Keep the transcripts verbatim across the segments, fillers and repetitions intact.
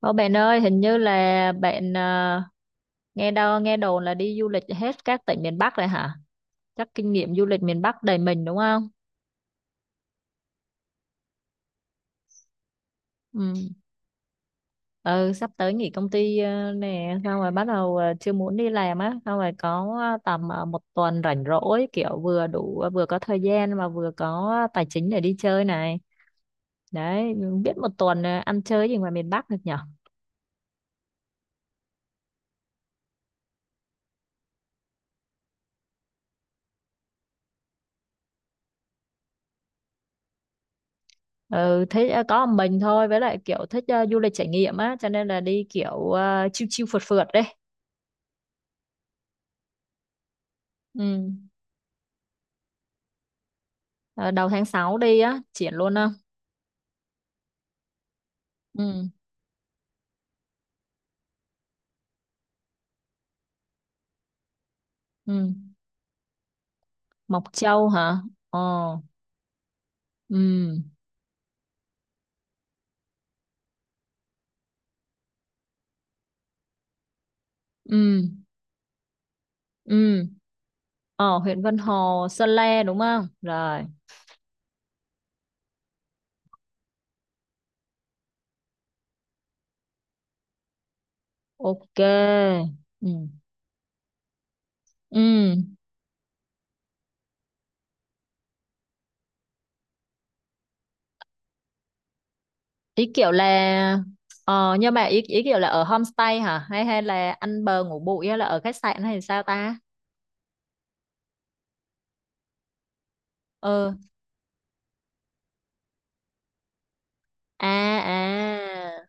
Ô bạn ơi, hình như là bạn à, nghe đâu nghe đồn là đi du lịch hết các tỉnh miền Bắc rồi hả? Chắc kinh nghiệm du lịch miền Bắc đầy mình đúng không? Ừ. Ừ, sắp tới nghỉ công ty ờ, nè, xong rồi bắt đầu ờ, chưa muốn đi làm á, xong rồi có ờ, tầm ờ, một tuần rảnh rỗi kiểu vừa đủ vừa có thời gian mà vừa có tài chính để đi chơi này. Đấy, biết một tuần ờ, ăn chơi gì ngoài miền Bắc được nhở? Ừ, thích ờ, có một mình thôi với lại kiểu thích ờ, du lịch trải nghiệm á cho nên là đi kiểu uh, chill chill phượt phượt đấy. Ừ. Ờ, đầu tháng sáu đi á triển luôn á. Ừ. Ừ. Mộc Châu hả? Ờ. Ừ. Ừ. Ừ. Ờ huyện Vân Hồ Sơn La đúng không rồi. Ok. Ừ. Ừ. Ý kiểu là. Ờ nhưng mà ý ý kiểu là ở homestay hả hay hay là ăn bờ ngủ bụi hay là ở khách sạn hay sao ta? Ờ. À. À.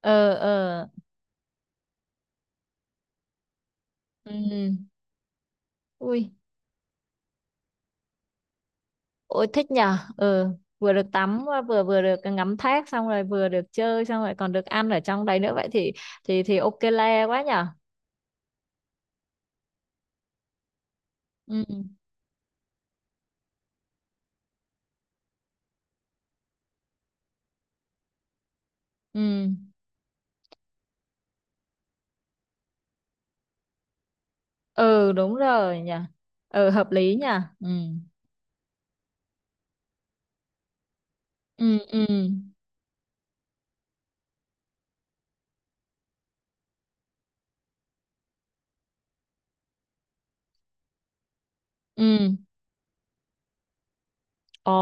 Ờ. Ờ. Ừ. Ui. Ôi thích nhờ. Ừ, vừa được tắm vừa vừa được ngắm thác xong rồi vừa được chơi xong rồi còn được ăn ở trong đấy nữa vậy thì thì thì ok le quá nhờ. Ừ. Ừ. Ừ đúng rồi nhờ. Ừ hợp lý nhờ. Ừ. Ừ. Ừ. Ừ. Ồ.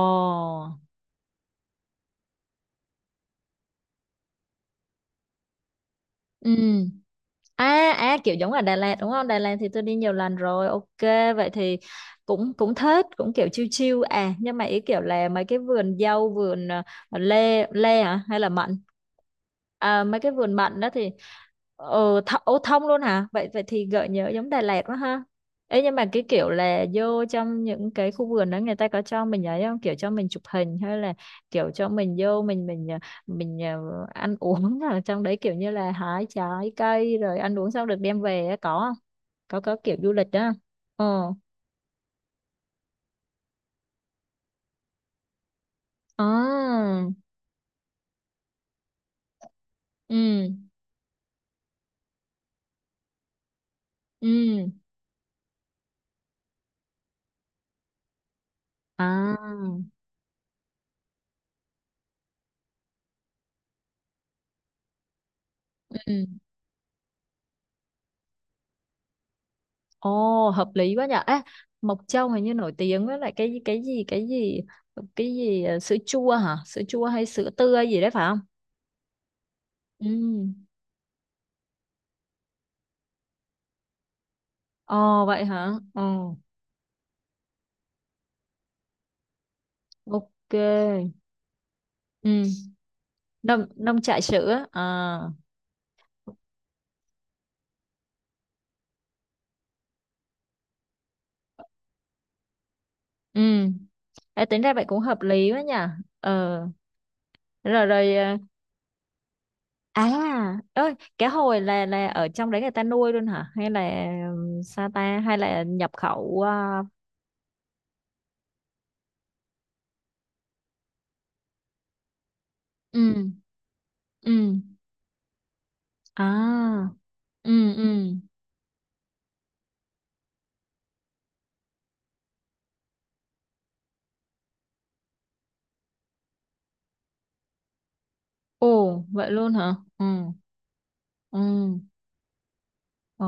Ừ. À, à kiểu giống ở Đà Lạt đúng không? Đà Lạt thì tôi đi nhiều lần rồi. Ok, vậy thì cũng cũng thích, cũng kiểu chill chill à, nhưng mà ý kiểu là mấy cái vườn dâu, vườn ờ, lê lê hả hay là mận? À, mấy cái vườn mận đó thì ờ th ô, thông luôn hả? Vậy vậy thì gợi nhớ giống Đà Lạt quá ha. Ê, nhưng mà cái kiểu là vô trong những cái khu vườn đó người ta có cho mình ấy không? Kiểu cho mình chụp hình hay là kiểu cho mình vô mình mình ờ, mình ờ, ăn uống ở trong đấy kiểu như là hái trái cây rồi ăn uống xong được đem về á, có không có có kiểu du lịch đó không? Ờ. À. Ừ. Ừ. À. Ừ. Ồ hợp lý quá nhở. Ê, Mộc Châu hình như nổi tiếng với lại cái cái gì cái gì cái gì ờ, sữa chua hả sữa chua hay sữa tươi gì đấy phải không? Ừ. Ồ vậy hả ồ. Ok. Ừ. nông nông trại sữa à? Ừ. Ê, tính ra vậy cũng hợp lý quá nhỉ. Ờ. Rồi rồi ờ, à ơi cá hồi là là ở trong đấy người ta nuôi luôn hả? Hay là ừm, sao ta hay là nhập khẩu ờ, ừ. Ừ. À. Ừ. Ừ. Ồ vậy luôn hả? Ừ. Ừ. Ồ.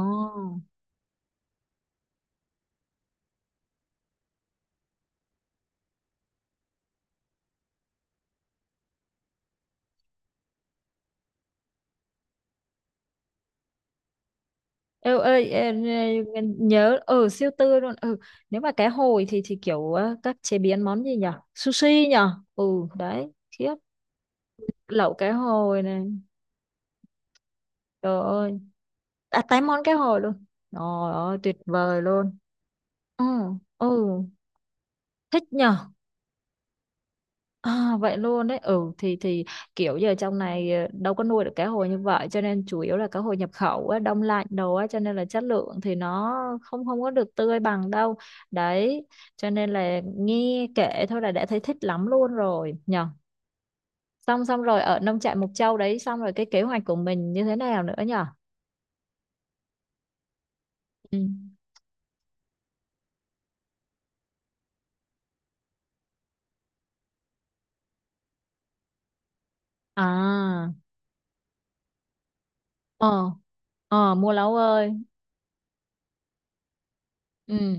Ê, ơi em, ê, nhớ ở siêu tươi luôn. Ừ, nếu mà cá hồi thì thì kiểu ờ, các chế biến món gì nhở sushi nhở. Ừ đấy khiếp. Lẩu cá hồi này. Trời ơi. À, tám món cá hồi luôn. Trời ơi tuyệt vời luôn. Ừ. Ừ thích nhở. À, vậy luôn đấy. Ừ thì thì kiểu giờ trong này ờ, đâu có nuôi được cá hồi như vậy cho nên chủ yếu là cá hồi nhập khẩu á, đông lạnh đồ á cho nên là chất lượng thì nó không không có được tươi bằng đâu đấy cho nên là nghe kể thôi là đã thấy thích lắm luôn rồi nhở. Xong xong rồi ở nông trại Mộc Châu đấy xong rồi cái kế hoạch của mình như thế nào nữa nhở. Ừ. À. Ờ. Ờ mua lấu ơi. Ừ.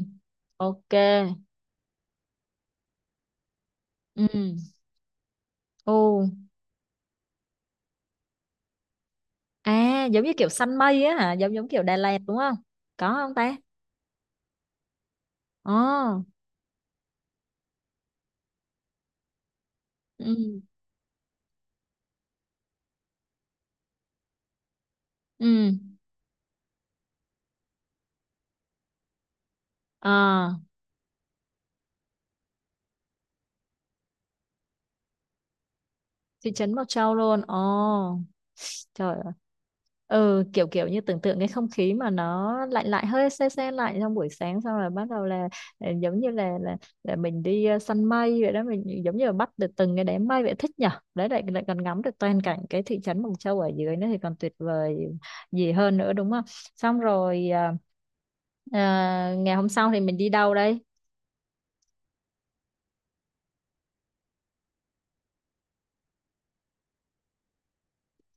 Ok. Ừ. Ừ. À giống như kiểu săn mây á hả? Giống giống kiểu Đà Lạt đúng không? Có không ta? Ồ. Ừ. Ừ. Ờ. Thị trấn Mộc Châu luôn ồ. Trời ơi. Ừ kiểu kiểu như tưởng tượng cái không khí mà nó lạnh lạnh hơi se se lạnh trong buổi sáng xong rồi bắt đầu là ờ, giống như là là, là mình đi ờ, săn mây vậy đó mình giống như là bắt được từng cái đám mây vậy thích nhở. Đấy lại lại còn ngắm được toàn cảnh cái thị trấn Mộc Châu ở dưới nữa thì còn tuyệt vời gì hơn nữa đúng không? Xong rồi ờ, ờ, ngày hôm sau thì mình đi đâu đây?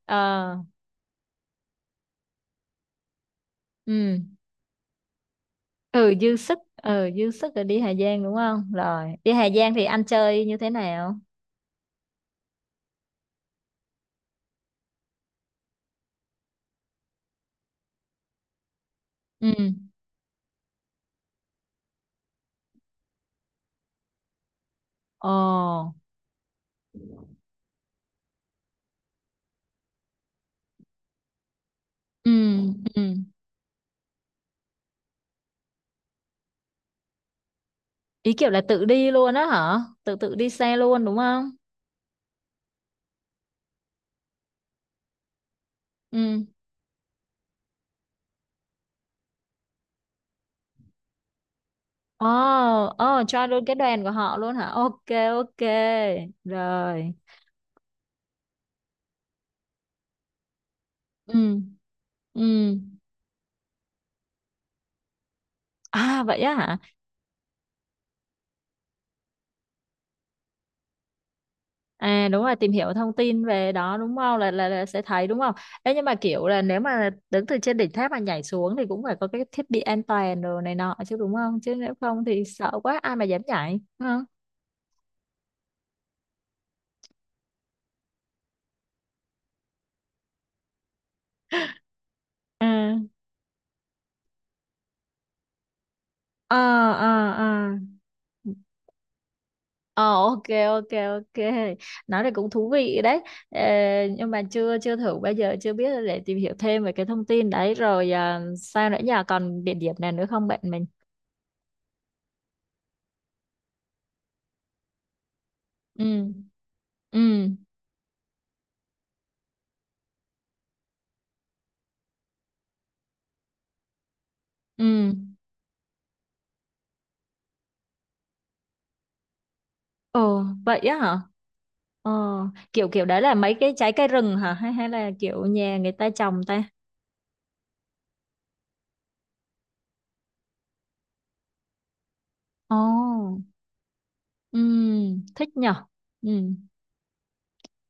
Ờ. Ừ ừ dư sức. Ừ dư sức rồi đi Hà Giang đúng không. Rồi đi Hà Giang thì anh chơi như thế nào? Ừ. Ồ. Ừ. Ừ ý kiểu là tự đi luôn á hả tự tự đi xe luôn đúng không? Ừ. Ồ. Ồ cho luôn cái đoàn của họ luôn hả. Ok. Ok. Rồi. Ừ. Ừ. À vậy á hả? À đúng rồi tìm hiểu thông tin về đó đúng không là, là là sẽ thấy đúng không? Ê, nhưng mà kiểu là nếu mà đứng từ trên đỉnh tháp mà nhảy xuống thì cũng phải có cái thiết bị an toàn rồi này nọ chứ đúng không? Chứ nếu không thì sợ quá ai mà dám nhảy đúng không? À. Ờ. Ờ. Ờ. Ờ ok. Ok. Ok. Nói này cũng thú vị đấy. Ờ, nhưng mà chưa chưa thử bao giờ. Chưa biết để tìm hiểu thêm về cái thông tin đấy. Rồi à, sao nữa nhờ. Còn địa điểm nào nữa không bạn mình? Ừ. Ừ. Ừ. Ồ, vậy á hả? Ờ, kiểu kiểu đấy là mấy cái trái cây rừng hả? Hay hay là kiểu nhà người ta trồng ta? Ồ. Ừm, thích nhở? Ừ.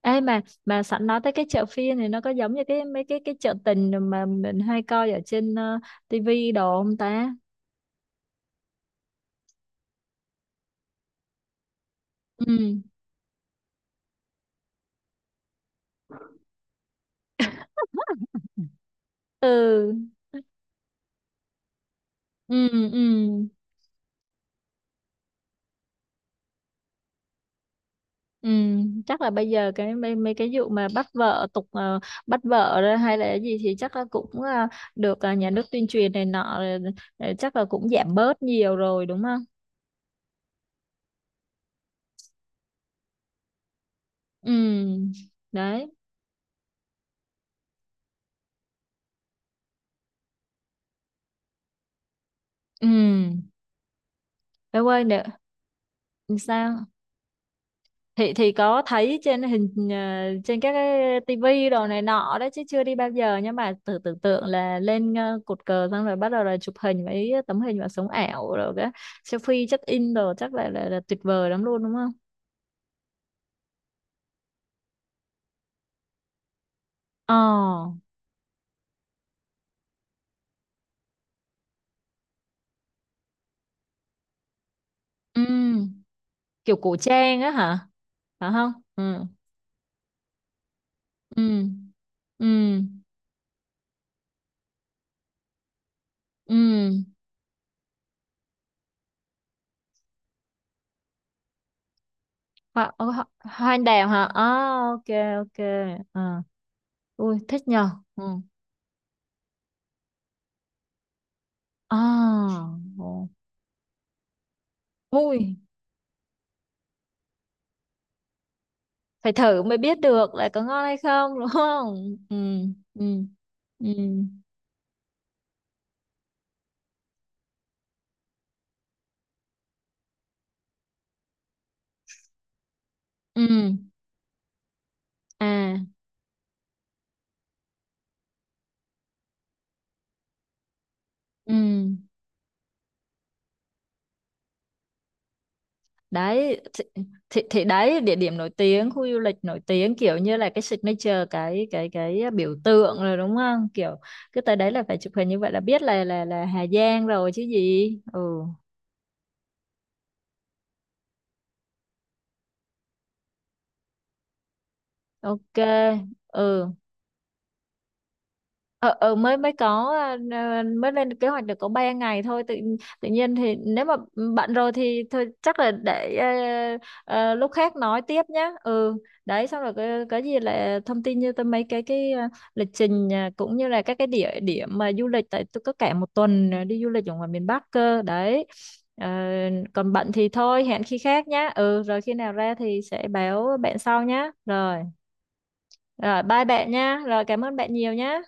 Ê mà mà sẵn nói tới cái chợ phiên này nó có giống như cái mấy cái cái chợ tình mà mình hay coi ở trên uh, tivi đồ không ta? Ừ. Ừ. Ừ ừ. Ừ, chắc là bây giờ cái mấy, mấy cái vụ mà bắt vợ tục ờ, bắt vợ đó hay là cái gì thì chắc là cũng ờ, được ờ, nhà nước tuyên truyền này nọ rồi, ờ, chắc là cũng giảm bớt nhiều rồi đúng không? Ừ. Đấy. Ừ. Em ơi nữa sao? Thì thì có thấy trên hình ờ, trên các cái tivi đồ này nọ đấy chứ chưa đi bao giờ nhưng mà tự tưởng tượng là lên ờ, cột cờ xong rồi bắt đầu là chụp hình với tấm hình vào sống ảo rồi cái selfie check in đồ chắc là, là là tuyệt vời lắm luôn đúng không? Ờ. Ừ, kiểu cổ trang á hả? Phải không? Ừ. Ừ. Ừ. Ừ. Hoa, ờ, ho- hoa anh đào hả? Ờ, ok, ok. Ờ, ui, thích nhờ. Ừ. À, ồ. Ui, phải thử mới biết được là có ngon hay không, đúng không? Ừ. Ừ. Ừ. Ừ. À, ừ. Đấy thì, thì, thì đấy địa điểm nổi tiếng khu du lịch nổi tiếng kiểu như là cái signature cái cái cái biểu tượng rồi đúng không kiểu cứ tới đấy là phải chụp hình như vậy là biết là là là Hà Giang rồi chứ gì. Ừ. Ok. Ừ. ờ ờ mới mới có à, à, mới lên kế hoạch được có ba ngày thôi tự tự nhiên thì nếu mà bận rồi thì thôi chắc là để ờ, ờ, lúc khác nói tiếp nhá. Ừ đấy xong rồi cái, cái gì là thông tin như tôi mấy cái cái à, lịch trình à, cũng như là các cái địa điểm mà du lịch tại tôi có cả một tuần à, đi du lịch ở ngoài miền Bắc cơ đấy. Ờ, còn bận thì thôi hẹn khi khác nhá. Ừ rồi khi nào ra thì sẽ báo bạn sau nhá. Rồi rồi bye bạn nha rồi cảm ơn bạn nhiều nhá.